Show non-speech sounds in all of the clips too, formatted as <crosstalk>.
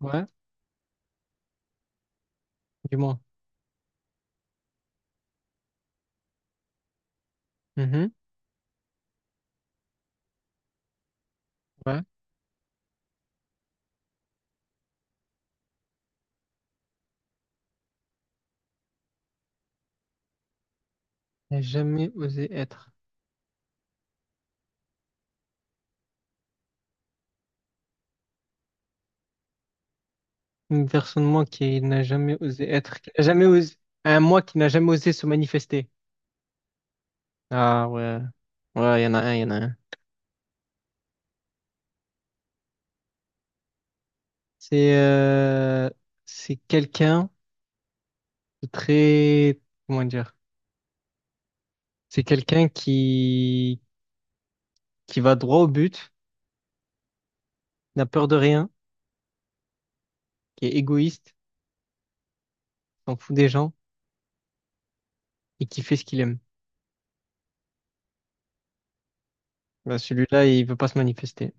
Ouais, du moins. Mhm, ouais. N'a jamais osé être. Une personne, moi, qui n'a jamais osé être. Qui n'a jamais osé... Un moi qui n'a jamais osé se manifester. Ah ouais. Ouais, il y en a un, il y en a un. C'est euh, c'est quelqu'un de très... Comment dire? C'est quelqu'un qui va droit au but, n'a peur de rien, qui est égoïste, s'en fout des gens et qui fait ce qu'il aime. Bah, celui-là, il veut pas se manifester.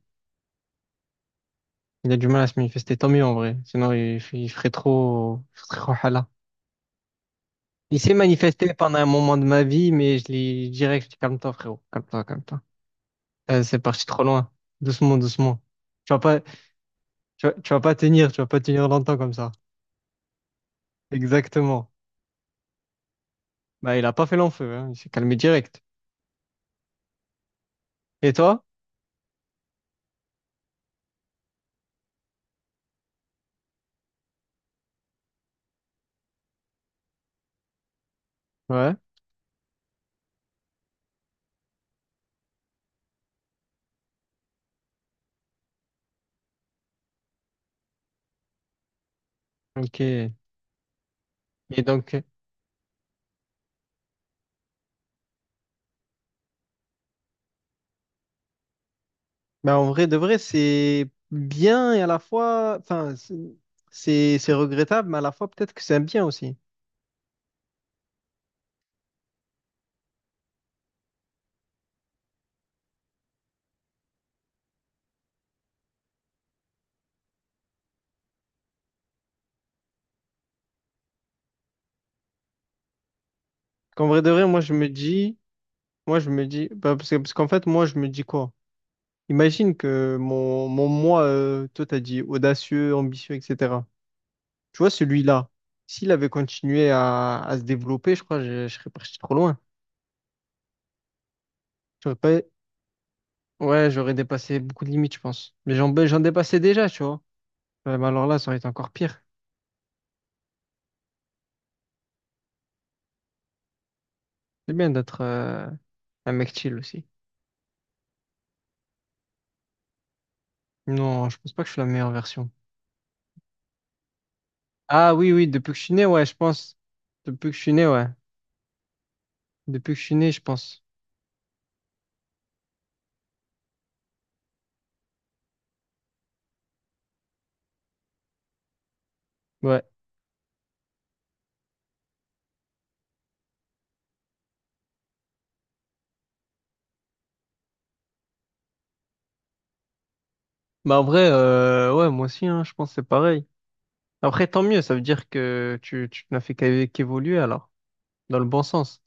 Il a du mal à se manifester, tant mieux en vrai. Sinon, il, il ferait trop hala. Il s'est manifesté pendant un moment de ma vie, mais je lui dirais que je dis, calme-toi, frérot. Calme-toi, calme-toi. C'est parti trop loin. Doucement, doucement. Tu vas pas, tu vas pas tenir, tu vas pas tenir longtemps comme ça. Exactement. Bah, il a pas fait long feu, hein. Il s'est calmé direct. Et toi? Ouais. Ok. Et donc, bah, en vrai de vrai, c'est bien et à la fois, enfin, c'est c'est regrettable, mais à la fois peut-être que c'est un bien aussi. Qu'en vrai de vrai, moi je me dis, moi, je me dis, bah, parce que, parce qu'en fait, moi, je me dis quoi? Imagine que mon moi, toi, t'as dit audacieux, ambitieux, etc. Tu vois, celui-là, s'il avait continué à se développer, je crois que je serais parti trop loin. J'aurais pas... Ouais, j'aurais dépassé beaucoup de limites, je pense. Mais j'en, ben, j'en dépassais déjà, tu vois. Ouais, mais alors là, ça aurait été encore pire. C'est bien d'être un mec chill aussi. Non, je pense pas que je suis la meilleure version. Ah oui, oui, depuis que je suis né, ouais, je pense. Depuis que je suis né, ouais. Depuis que je suis né, je pense. Ouais. Bah en vrai, ouais, moi aussi, hein, je pense que c'est pareil. Après, tant mieux, ça veut dire que tu n'as fait qu'évoluer alors, dans le bon sens.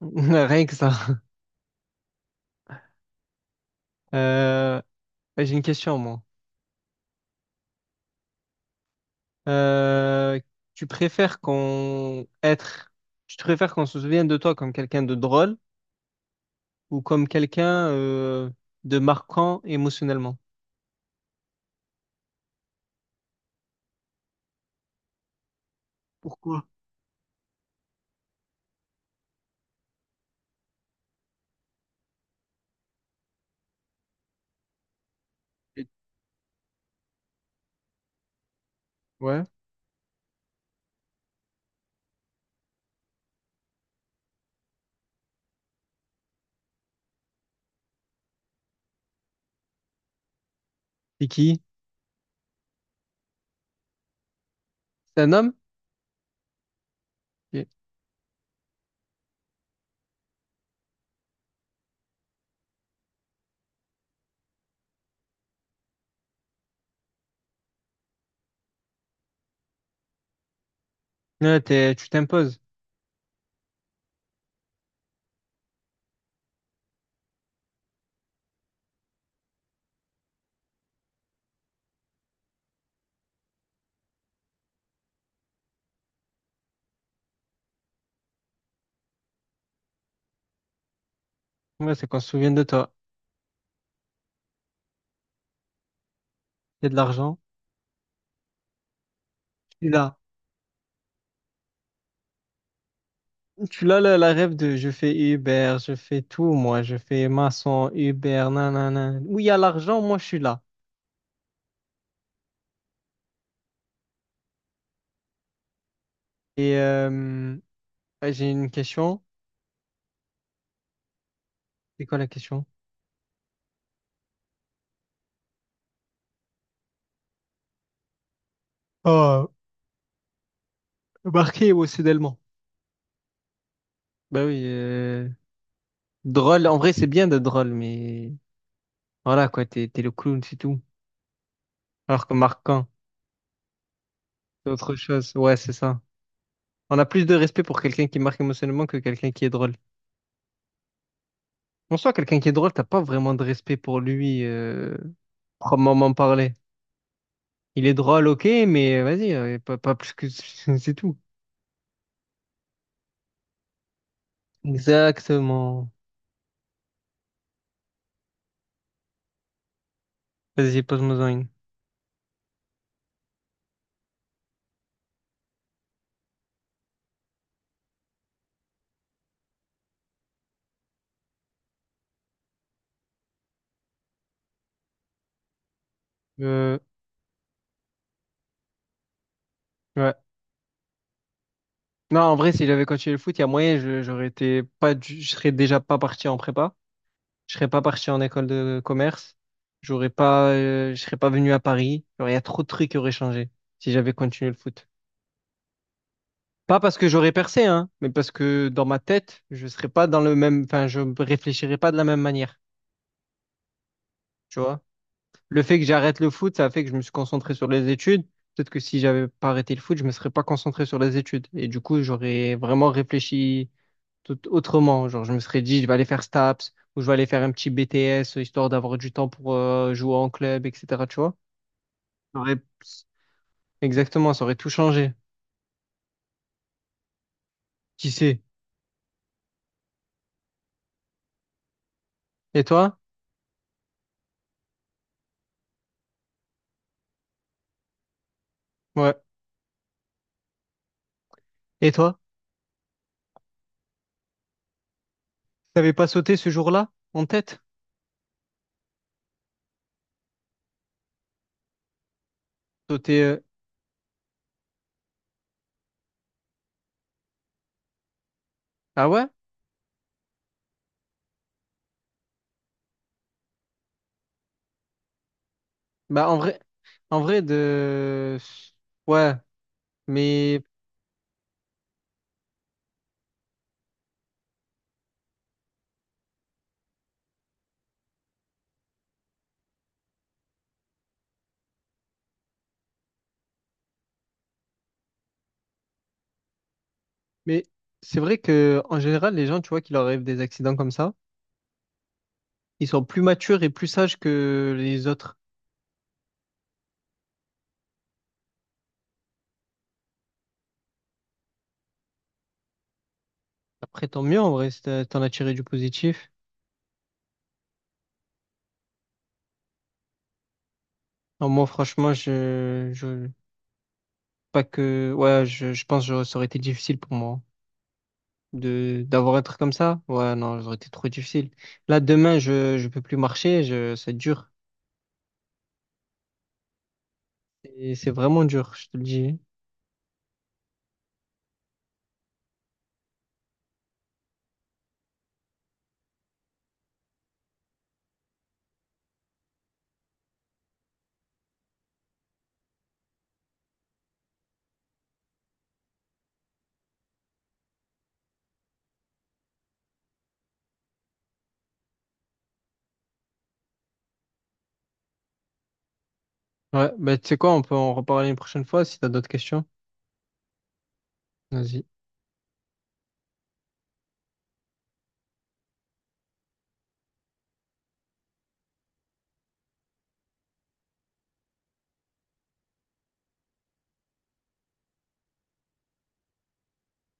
<laughs> Rien que ça. Euh, ouais, j'ai une question, moi. Euh, tu préfères qu'on être, tu te préfères qu'on se souvienne de toi comme quelqu'un de drôle ou comme quelqu'un de marquant émotionnellement? Pourquoi? Et- Ouais. C'est qui? C'est un homme? Ok. Ouais, tu t'imposes. Ouais, c'est qu'on se souvienne de toi. Il y a de l'argent. Tu es là. Tu l'as la, la rêve de je fais Uber, je fais tout, moi, je fais maçon, Uber, nanana. Où il y a l'argent, moi je suis là. Et ouais, j'ai une question. C'est quoi la question? Oh, marqué émotionnellement. Bah oui, drôle. En vrai, c'est bien de drôle, mais voilà quoi, t'es le clown, c'est tout. Alors que marquant, c'est autre chose. Ouais, c'est ça. On a plus de respect pour quelqu'un qui marque émotionnellement que quelqu'un qui est drôle. En soi, quelqu'un qui est drôle, t'as pas vraiment de respect pour lui, proprement parlé. Il est drôle, ok, mais vas-y, pas, pas plus que <laughs> c'est tout. Exactement. Vas-y, pose-moi une. Euh, ouais. Non, en vrai, si j'avais continué le foot, il y a moyen, je, j'aurais été pas, je serais déjà pas parti en prépa. Je serais pas parti en école de commerce. J'aurais pas, je serais pas venu à Paris. Genre, il y a trop de trucs qui auraient changé si j'avais continué le foot. Pas parce que j'aurais percé, hein, mais parce que dans ma tête, je serais pas dans le même, enfin, je réfléchirais pas de la même manière. Tu vois? Le fait que j'arrête le foot, ça a fait que je me suis concentré sur les études. Peut-être que si j'avais pas arrêté le foot, je me serais pas concentré sur les études. Et du coup, j'aurais vraiment réfléchi tout autrement. Genre, je me serais dit, je vais aller faire STAPS ou je vais aller faire un petit BTS histoire d'avoir du temps pour jouer en club, etc. Tu vois? J'aurais- Exactement, ça aurait tout changé. Qui sait? Et toi? Ouais. Et toi? T'avais pas sauté ce jour-là en tête? Sauté. Ah ouais? Bah en vrai de. Ouais, mais Mais c'est vrai que en général, les gens, tu vois, qui leur arrivent des accidents comme ça, ils sont plus matures et plus sages que les autres. Après, tant mieux, en vrai, si t'en as tiré du positif. Non, moi, franchement, je, pas que, ouais, je pense que ça aurait été difficile pour moi hein, de, d'avoir un truc comme ça. Ouais, non, ça aurait été trop difficile. Là, demain, je peux plus marcher, je, c'est dur. Et c'est vraiment dur, je te le dis. Ouais, bah, tu sais quoi, on peut en reparler une prochaine fois si t'as d'autres questions. Vas-y.